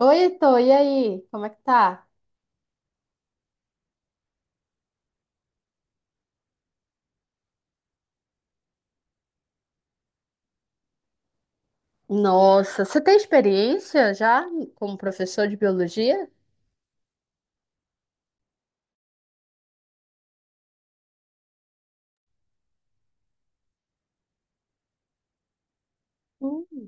Oi, Heitor, e aí? Como é que tá? Nossa, você tem experiência já como professor de biologia? Hum.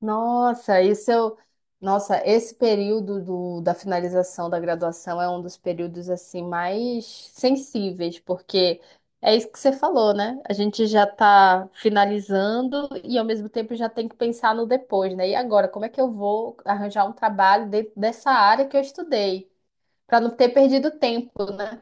Nossa, isso eu... Nossa, esse período da finalização da graduação é um dos períodos assim mais sensíveis, porque é isso que você falou, né? A gente já está finalizando e ao mesmo tempo já tem que pensar no depois, né? E agora, como é que eu vou arranjar um trabalho dentro dessa área que eu estudei, para não ter perdido tempo, né?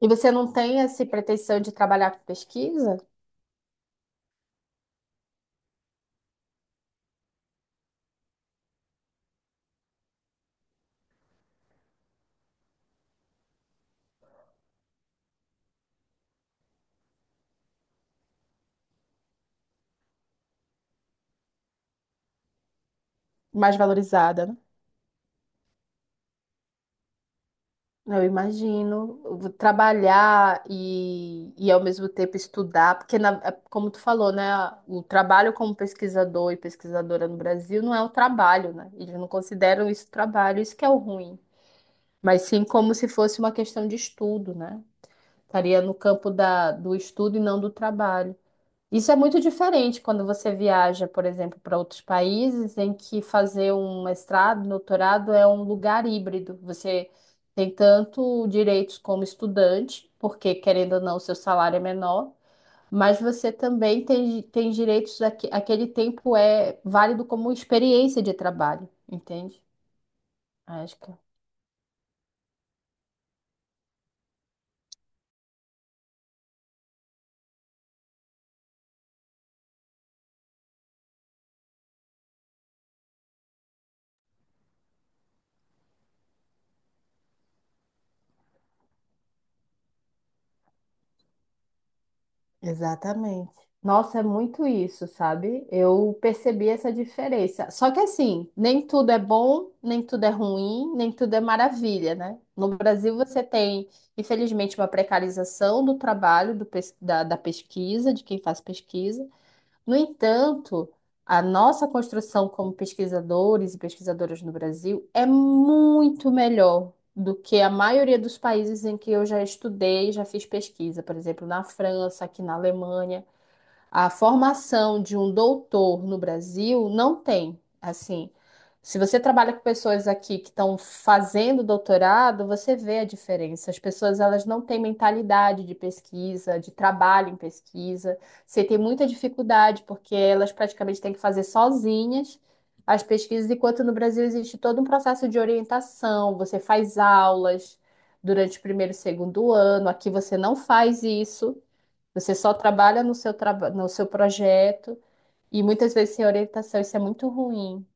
E você não tem essa pretensão de trabalhar com pesquisa mais valorizada, né? Eu imagino eu vou trabalhar e ao mesmo tempo estudar, porque é como tu falou, né, o trabalho como pesquisador e pesquisadora no Brasil não é um trabalho, né? Eles não consideram isso trabalho, isso que é o ruim, mas sim como se fosse uma questão de estudo, né? Estaria no campo do estudo e não do trabalho. Isso é muito diferente quando você viaja, por exemplo, para outros países em que fazer um mestrado, doutorado é um lugar híbrido. Você tem tanto direitos como estudante, porque querendo ou não, o seu salário é menor, mas você também tem direitos, aquele tempo é válido como experiência de trabalho, entende? Acho que exatamente. Nossa, é muito isso, sabe? Eu percebi essa diferença. Só que assim, nem tudo é bom, nem tudo é ruim, nem tudo é maravilha, né? No Brasil você tem, infelizmente, uma precarização do trabalho, da pesquisa, de quem faz pesquisa. No entanto, a nossa construção como pesquisadores e pesquisadoras no Brasil é muito melhor do que a maioria dos países em que eu já estudei, já fiz pesquisa, por exemplo, na França, aqui na Alemanha. A formação de um doutor no Brasil não tem. Assim, se você trabalha com pessoas aqui que estão fazendo doutorado, você vê a diferença. As pessoas elas não têm mentalidade de pesquisa, de trabalho em pesquisa. Você tem muita dificuldade porque elas praticamente têm que fazer sozinhas as pesquisas, enquanto no Brasil existe todo um processo de orientação. Você faz aulas durante o primeiro e segundo ano. Aqui você não faz isso. Você só trabalha no seu, no seu projeto e muitas vezes sem orientação, isso é muito ruim.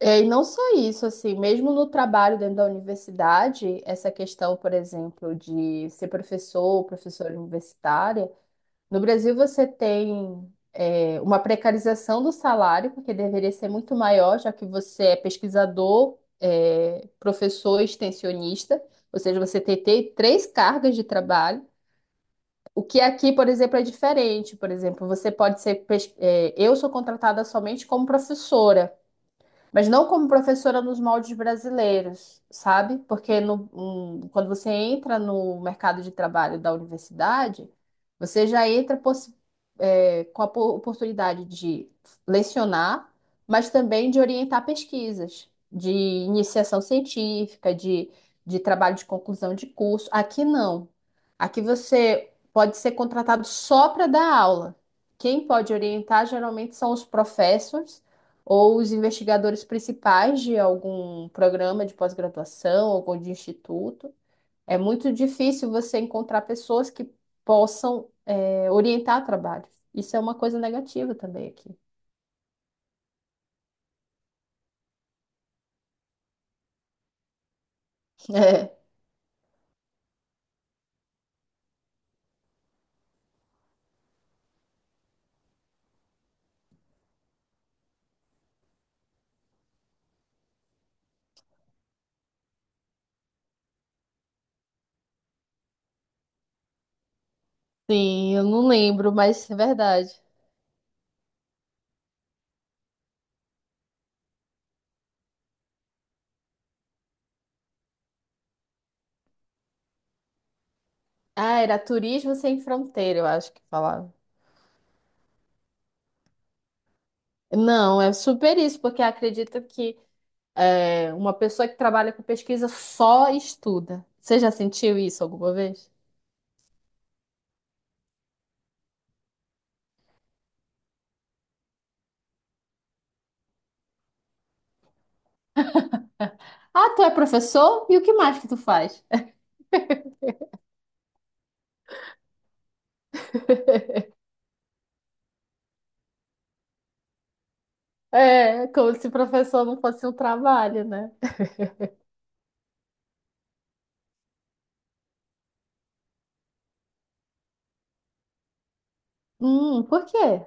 É, e não só isso, assim, mesmo no trabalho dentro da universidade, essa questão, por exemplo, de ser professor ou professora universitária, no Brasil você tem, é, uma precarização do salário, porque deveria ser muito maior, já que você é pesquisador, é, professor, e extensionista, ou seja, você tem três cargas de trabalho. O que aqui, por exemplo, é diferente. Por exemplo, você pode ser. É, eu sou contratada somente como professora. Mas não como professora nos moldes brasileiros, sabe? Porque quando você entra no mercado de trabalho da universidade, você já entra é, com a oportunidade de lecionar, mas também de orientar pesquisas, de iniciação científica, de trabalho de conclusão de curso. Aqui não. Aqui você pode ser contratado só para dar aula. Quem pode orientar geralmente são os professores ou os investigadores principais de algum programa de pós-graduação ou de instituto. É muito difícil você encontrar pessoas que possam, é, orientar trabalho. Isso é uma coisa negativa também aqui. É. Sim, eu não lembro, mas é verdade. Ah, era Turismo Sem Fronteira, eu acho que falava. Não, é super isso, porque acredito que é, uma pessoa que trabalha com pesquisa só estuda. Você já sentiu isso alguma vez? Ah, tu é professor? E o que mais que tu faz? É, como se professor não fosse um trabalho, né? Por quê?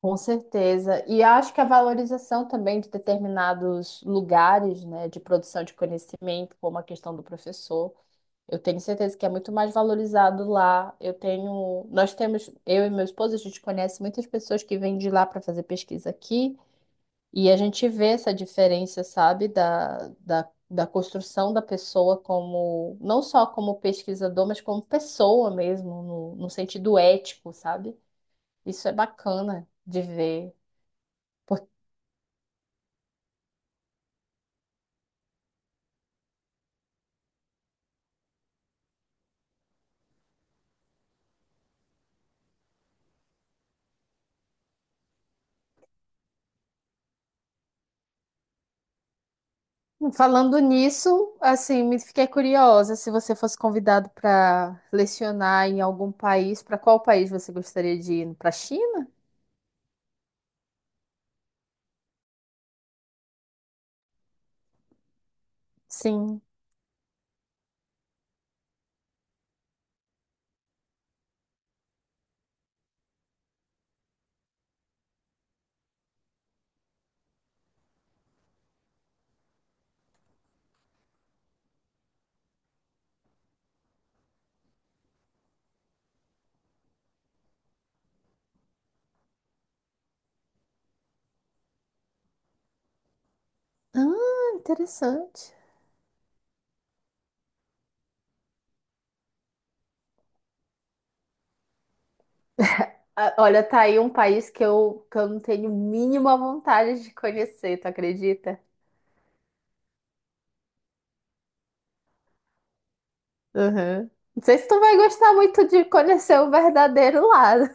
Com certeza. E acho que a valorização também de determinados lugares, né, de produção de conhecimento, como a questão do professor, eu tenho certeza que é muito mais valorizado lá. Eu tenho, nós temos, eu e meu esposo, a gente conhece muitas pessoas que vêm de lá para fazer pesquisa aqui. E a gente vê essa diferença, sabe, da construção da pessoa como, não só como pesquisador, mas como pessoa mesmo, no, no sentido ético, sabe? Isso é bacana de ver. Por- falando nisso, assim, me fiquei curiosa se você fosse convidado para lecionar em algum país, para qual país você gostaria de ir? Para China? Sim. Ah, interessante. Ah, olha, tá aí um país que eu não tenho mínima vontade de conhecer, tu acredita? Uhum. Não sei se tu vai gostar muito de conhecer o verdadeiro lado.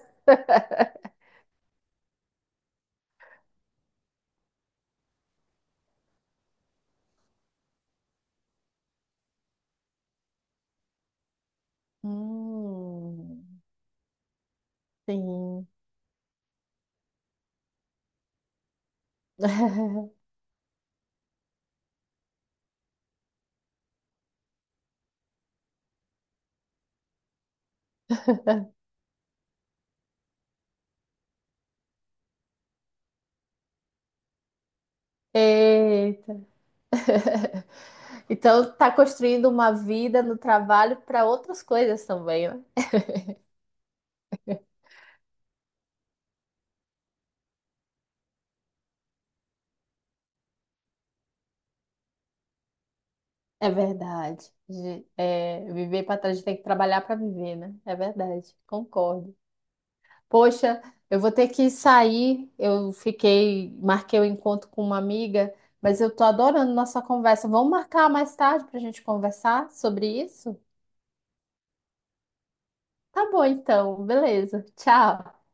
Hum, sim. Eita. Então tá construindo uma vida no trabalho para outras coisas também, né? É verdade. Ge- é, viver para trás, a gente tem que trabalhar para viver, né? É verdade. Concordo. Poxa, eu vou ter que sair. Eu fiquei, marquei o encontro com uma amiga, mas eu tô adorando nossa conversa. Vamos marcar mais tarde para a gente conversar sobre isso? Tá bom, então. Beleza. Tchau.